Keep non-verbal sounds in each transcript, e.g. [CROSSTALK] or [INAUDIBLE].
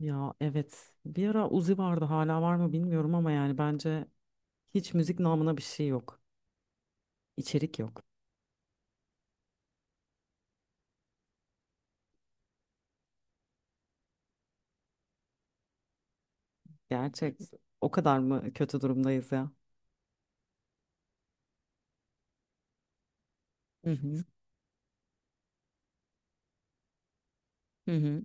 Ya evet. Bir ara Uzi vardı hala var mı bilmiyorum ama yani bence hiç müzik namına bir şey yok. İçerik yok. Gerçek. O kadar mı kötü durumdayız ya? Hı hı. Hı hı.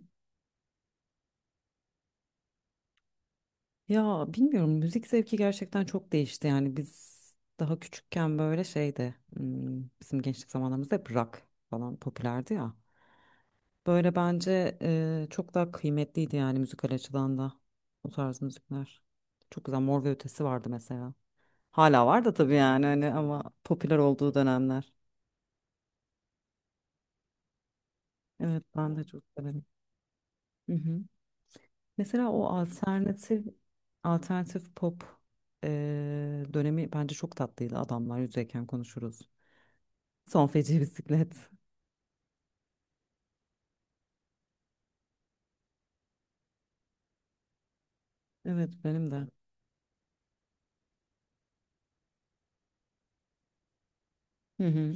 Ya bilmiyorum, müzik zevki gerçekten çok değişti. Yani biz daha küçükken böyle şeydi, bizim gençlik zamanlarımızda hep rock falan popülerdi ya. Böyle bence çok daha kıymetliydi yani müzikal açıdan da o tarz müzikler. Çok güzel Mor ve Ötesi vardı mesela. Hala var da tabii yani hani, ama popüler olduğu dönemler. Evet ben de çok severim. Hı hı. Mesela o alternatif pop eee, dönemi bence çok tatlıydı. Adamlar yüzeyken konuşuruz. Son feci [LAUGHS] bisiklet. Evet benim de. Hı hı.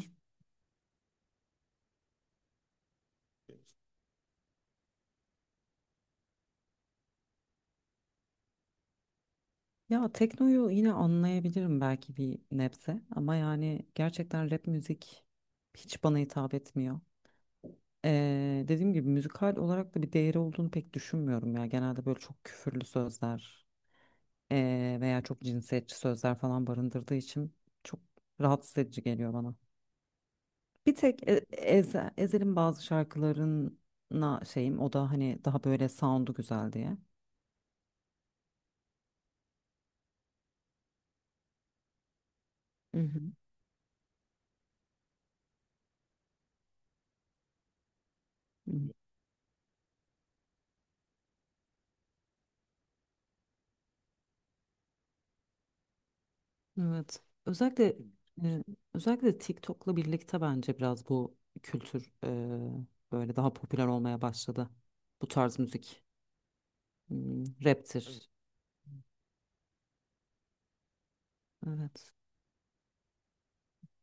Ya teknoyu yine anlayabilirim belki bir nebze, ama yani gerçekten rap müzik hiç bana hitap etmiyor. Dediğim gibi, müzikal olarak da bir değeri olduğunu pek düşünmüyorum ya. Genelde böyle çok küfürlü sözler veya çok cinsiyetçi sözler falan barındırdığı için çok rahatsız edici geliyor bana. Bir tek Ezel'in bazı şarkılarına şeyim, o da hani daha böyle sound'u güzel diye. Hı hı, hı hı. Evet. Özellikle e, özellikle TikTok'la birlikte bence biraz bu kültür, böyle daha popüler olmaya başladı. Bu tarz müzik. Hmm, raptir. Evet.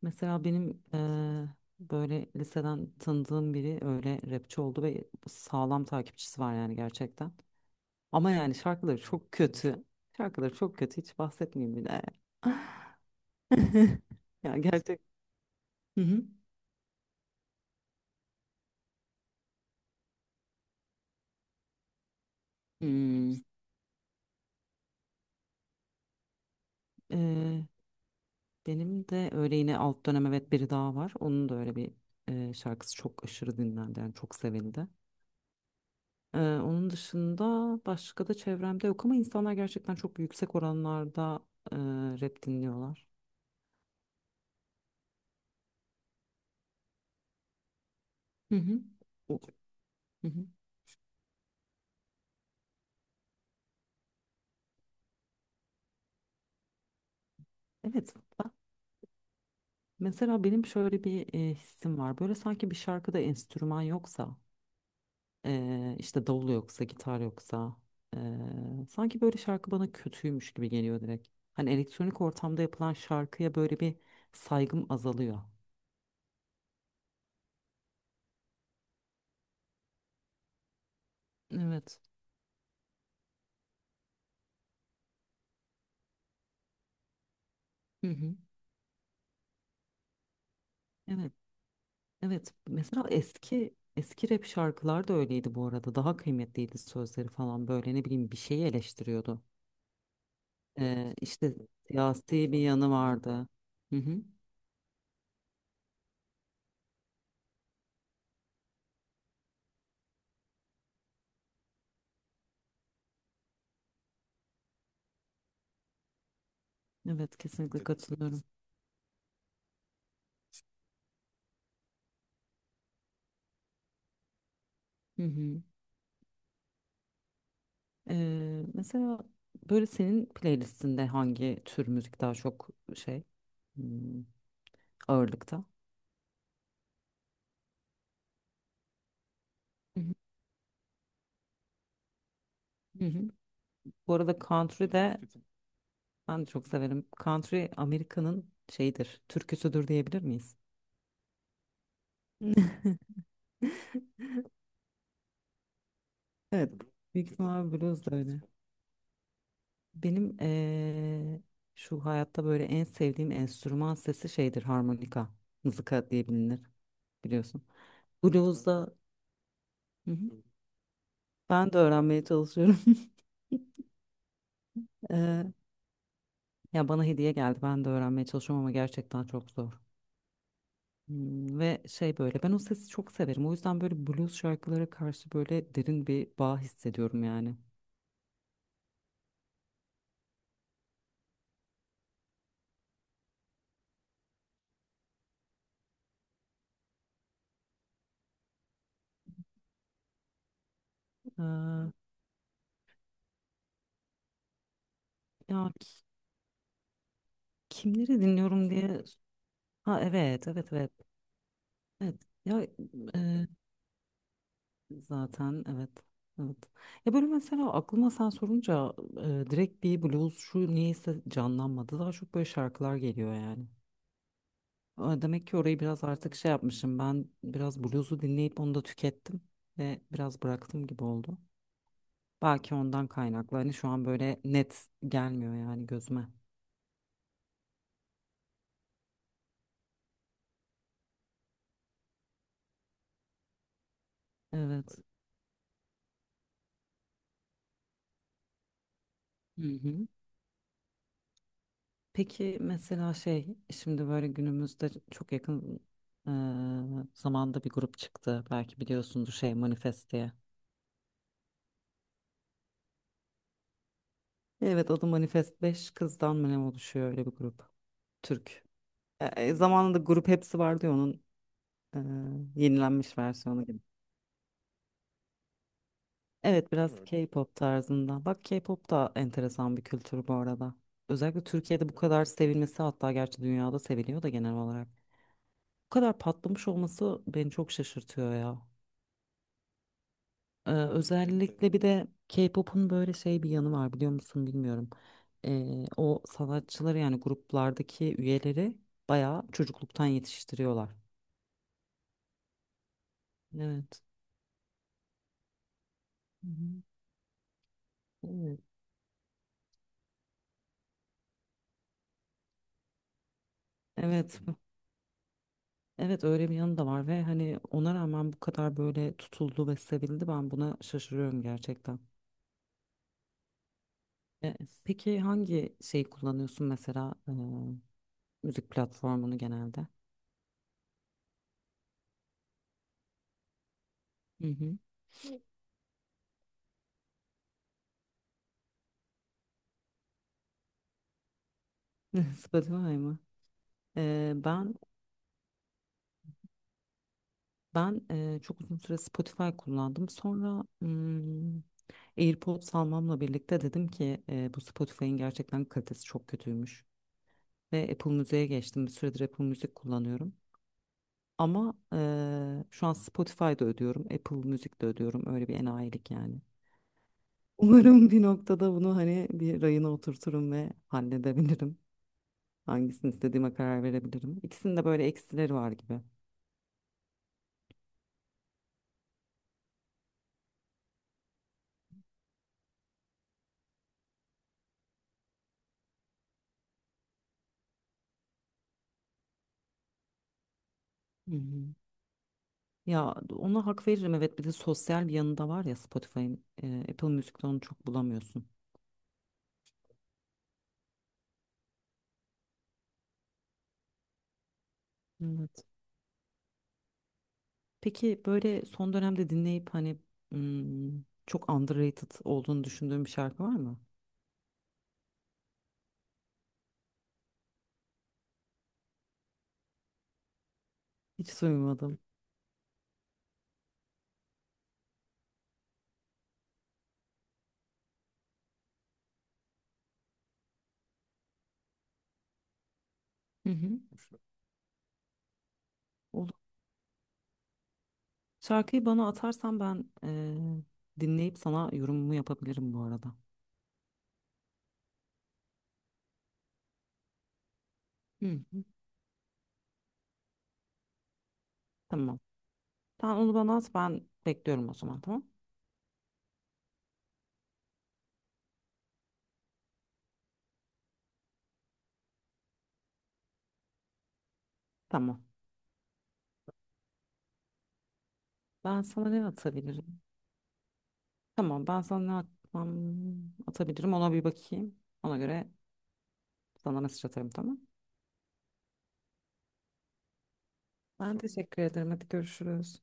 Mesela benim böyle liseden tanıdığım biri öyle rapçi oldu ve sağlam takipçisi var yani gerçekten. Ama yani şarkıları çok kötü. Şarkıları çok kötü, hiç bahsetmeyeyim bile. [LAUGHS] Ya gerçek. Hı hı. Hmm, eee, benim de öyle, yine alt dönem, evet, biri daha var. Onun da öyle bir şarkısı çok aşırı dinlendi, yani çok sevildi. Onun dışında başka da çevremde yok, ama insanlar gerçekten çok yüksek oranlarda eee, rap dinliyorlar. Hı hı. O- Hı hı. Evet, mesela benim şöyle bir hissim var. Böyle sanki bir şarkıda enstrüman yoksa, işte davul yoksa, gitar yoksa, sanki böyle şarkı bana kötüymüş gibi geliyor direkt. Hani elektronik ortamda yapılan şarkıya böyle bir saygım azalıyor. Evet. Hı hı. Evet. Evet. Mesela eski eski rap şarkılar da öyleydi bu arada. Daha kıymetliydi sözleri falan, böyle ne bileyim, bir şeyi eleştiriyordu. İşte siyasi bir yanı vardı. Hı hı. Evet, kesinlikle katılıyorum. Hı hı. Mesela böyle senin playlistinde hangi tür müzik daha çok şey, hmm, ağırlıkta? Hı hı. Hı hı. Bu arada country de, ben de çok severim. Country Amerika'nın şeyidir, türküsüdür diyebilir miyiz? [LAUGHS] Evet. Büyük ihtimal blues da öyle. Benim şu hayatta böyle en sevdiğim enstrüman sesi şeydir, harmonika. Mızıka diye bilinir biliyorsun. Blues'da. Hı hı. Ben de öğrenmeye çalışıyorum. [LAUGHS] Eee, Ya bana hediye geldi, ben de öğrenmeye çalışıyorum ama gerçekten çok zor. Hmm, ve şey, böyle ben o sesi çok severim. O yüzden böyle blues şarkılara karşı böyle derin bir bağ hissediyorum yani. Eee, Ya kimleri dinliyorum diye. Ha evet, evet, evet. Evet. Ya. Zaten evet. Evet. Ya böyle mesela aklıma sen sorunca direkt bir blues şu niyeyse canlanmadı. Daha çok böyle şarkılar geliyor yani. E, demek ki orayı biraz artık şey yapmışım. Ben biraz bluesu dinleyip onu da tükettim ve biraz bıraktım gibi oldu. Belki ondan kaynaklı. Hani şu an böyle net gelmiyor yani gözüme. Evet. Hı hı. Peki mesela şey, şimdi böyle günümüzde çok yakın e, zamanda bir grup çıktı. Belki biliyorsundur, şey Manifest diye. Evet, adı Manifest, 5 kızdan mı ne oluşuyor, öyle bir grup. Türk. Zamanında grup hepsi vardı ya, onun e, yenilenmiş versiyonu gibi. Evet biraz. Evet. K-pop tarzında. Bak, K-pop da enteresan bir kültür bu arada. Özellikle Türkiye'de bu kadar sevilmesi, hatta gerçi dünyada seviliyor da genel olarak. Bu kadar patlamış olması beni çok şaşırtıyor ya. Özellikle bir de K-pop'un böyle şey bir yanı var, biliyor musun bilmiyorum. O sanatçıları, yani gruplardaki üyeleri bayağı çocukluktan yetiştiriyorlar. Evet. Hı hı. Evet. Evet, evet, öyle bir yanı da var ve hani ona rağmen bu kadar böyle tutuldu ve sevildi, ben buna şaşırıyorum gerçekten. E, peki hangi şeyi kullanıyorsun mesela, müzik platformunu genelde? Hı hı. [LAUGHS] Spotify mı? E, ben Ben çok uzun süre Spotify kullandım. Sonra AirPods almamla birlikte dedim ki bu Spotify'ın gerçekten kalitesi çok kötüymüş. Ve Apple Müzik'e geçtim. Bir süredir Apple Müzik kullanıyorum. Ama şu an Spotify'da ödüyorum, Apple Müzik'te ödüyorum. Öyle bir enayilik yani. Umarım bir noktada bunu hani bir rayına oturturum ve halledebilirim. Hangisini istediğime karar verebilirim. İkisinin de böyle eksileri var gibi. Hı hı. Ya ona hak veririm, evet, bir de sosyal bir yanı da var ya Spotify'ın, Apple Music'te onu çok bulamıyorsun. Evet. Peki böyle son dönemde dinleyip hani çok underrated olduğunu düşündüğün bir şarkı var mı? Hiç duymadım. Hı hı. Olur. Şarkıyı bana atarsan ben dinleyip sana yorumumu yapabilirim bu arada. Hı hı. Tamam. Sen onu bana at, ben bekliyorum o zaman, tamam. Tamam. Ben sana ne atabilirim? Tamam, ben sana atabilirim, ona bir bakayım. Ona göre sana mesaj atarım, tamam. Ben teşekkür ederim. Hadi görüşürüz.